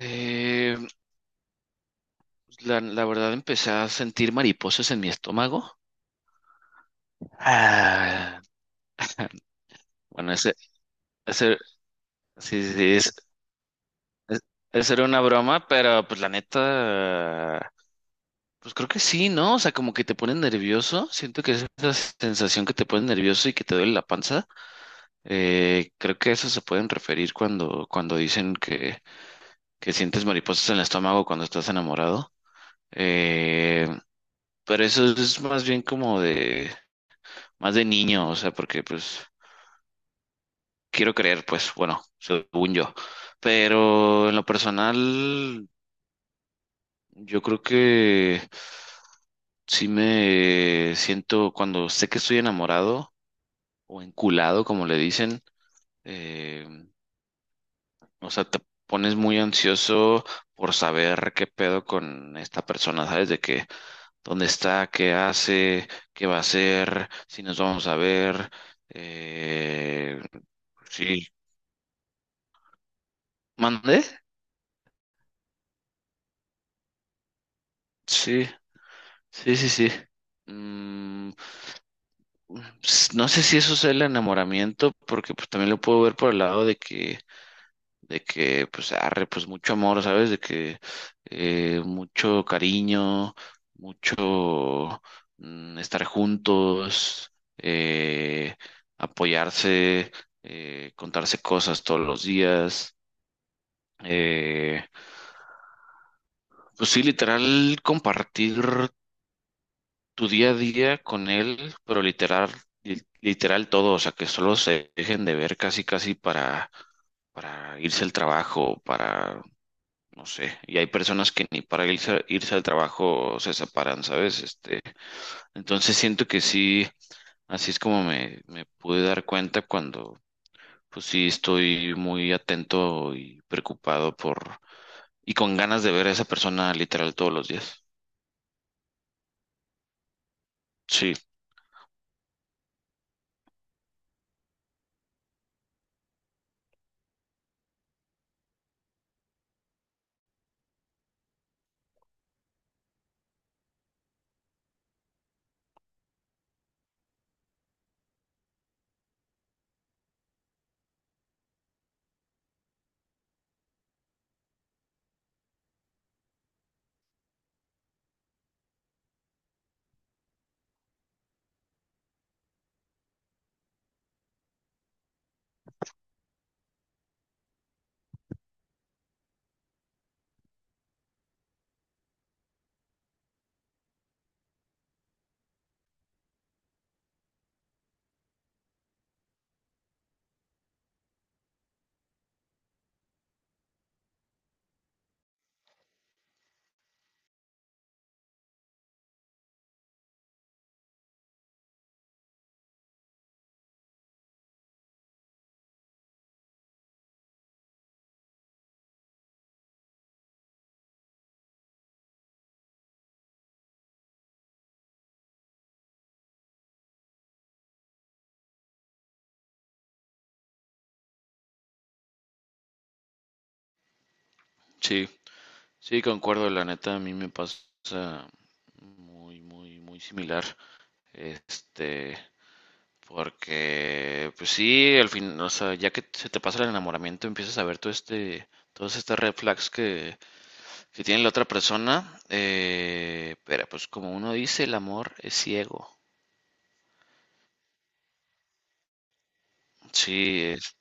Eh, pues, la verdad empecé a sentir mariposas en mi estómago. Ah, bueno, ese, sí, sí, sí, es- esa era una broma, pero pues la neta, pues creo que sí, ¿no? O sea, como que te pone nervioso. Siento que es esa sensación que te pone nervioso y que te duele la panza. Creo que a eso se pueden referir cuando dicen que sientes mariposas en el estómago cuando estás enamorado. Eh, pero eso es más bien como de más de niño, o sea, porque pues quiero creer, pues bueno, según yo. Pero en lo personal, yo creo que sí me siento cuando sé que estoy enamorado o enculado, como le dicen, eh, o sea, te pones muy ansioso por saber qué pedo con esta persona, ¿sabes? De que dónde está, qué hace, qué va a hacer, si nos vamos a ver. Eh, sí. ¿Mandé? Sí. Sí, sí, sí. Mm, no sé si eso es el enamoramiento, porque pues también lo puedo ver por el lado de que, pues, arre, pues mucho amor, ¿sabes? De que mucho cariño, mucho estar juntos, eh, apoyarse, contarse cosas todos los días. eh, pues sí, literal, compartir tu día a día con él, pero literal, literal todo, o sea, que solo se dejen de ver casi, casi para irse al trabajo, para, no sé, y hay personas que ni para irse al trabajo se separan, ¿sabes? Este, entonces siento que sí, así es como me pude dar cuenta cuando, pues sí, estoy muy atento y preocupado por, y con ganas de ver a esa persona literal todos los días. Sí, sí. Sí, concuerdo, la neta, a mí me pasa muy, muy, muy similar. Este, porque, pues sí, al fin, o sea, ya que se te pasa el enamoramiento, empiezas a ver todo este, todas estas red flags que tiene la otra persona. Pero, pues, como uno dice, el amor es ciego. Sí, es-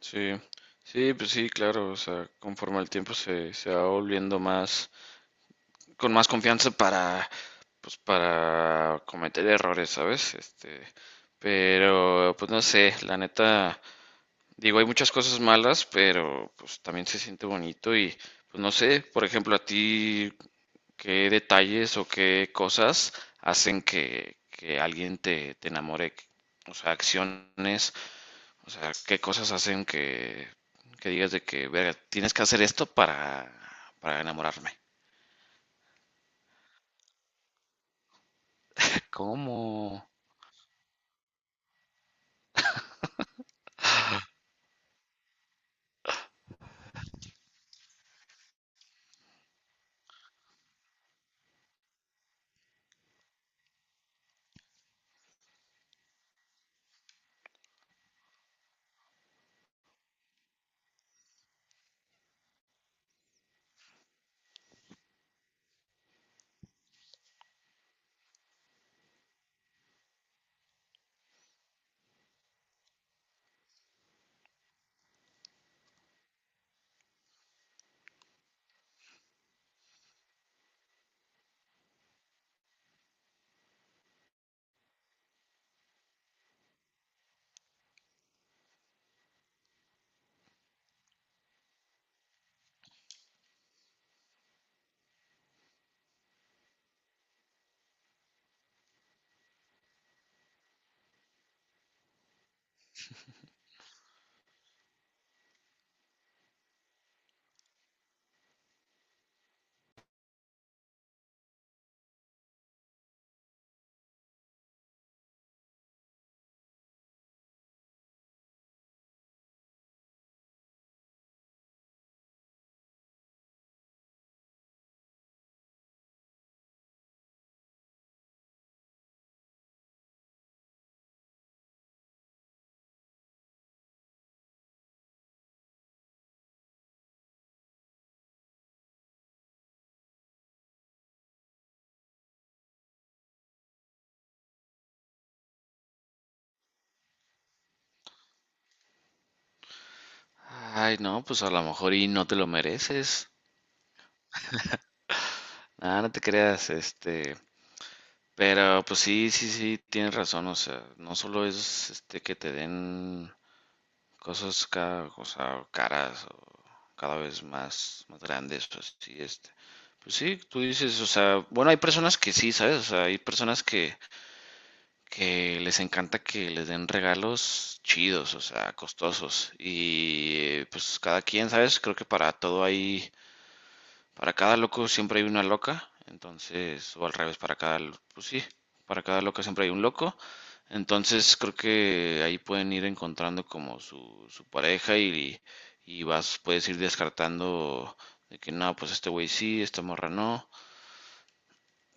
sí, sí, pues sí, claro, o sea, conforme el tiempo se va volviendo más. Con más confianza para, pues, para cometer errores, ¿sabes? Este, pero, pues no sé, la neta, digo, hay muchas cosas malas, pero pues también se siente bonito y, pues no sé, por ejemplo, a ti, ¿qué detalles o qué cosas hacen que alguien te enamore? O sea, acciones, o sea, ¿qué cosas hacen que digas de que, verga, tienes que hacer esto para enamorarme? ¿Cómo? Ay, no, pues a lo mejor y no te lo mereces. Ah, no te creas, este, pero pues sí, sí, sí, tienes razón, o sea, no solo es este que te den cosas cada, o sea, caras o cada vez más, más grandes, pues sí, este, pues sí, tú dices, o sea, bueno, hay personas que sí, ¿sabes? O sea, hay personas que les encanta que les den regalos chidos, o sea, costosos, y pues cada quien, ¿sabes? Creo que para todo hay. Para cada loco siempre hay una loca, entonces, o al revés, pues sí, para cada loca siempre hay un loco, entonces creo que ahí pueden ir encontrando como su pareja y vas, puedes ir descartando de que no, pues este güey sí, esta morra no.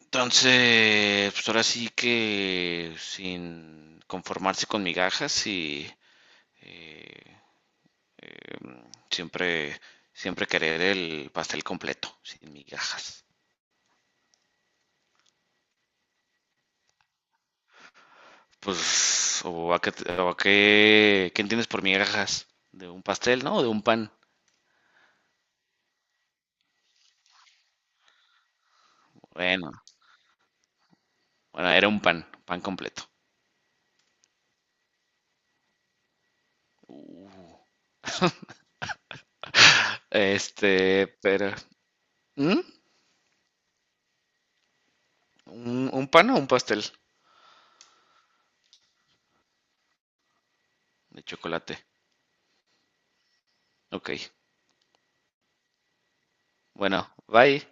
Entonces, pues ahora sí que sin conformarse con migajas y eh, siempre, siempre querer el pastel completo, sin migajas. Pues, o a qué, ¿qué entiendes por migajas? ¿De un pastel, no? ¿O de un pan? Bueno, bueno, era un pan, pan completo. Este, pero, ¿Mm? Un pan o un pastel de chocolate? Ok, bueno, bye.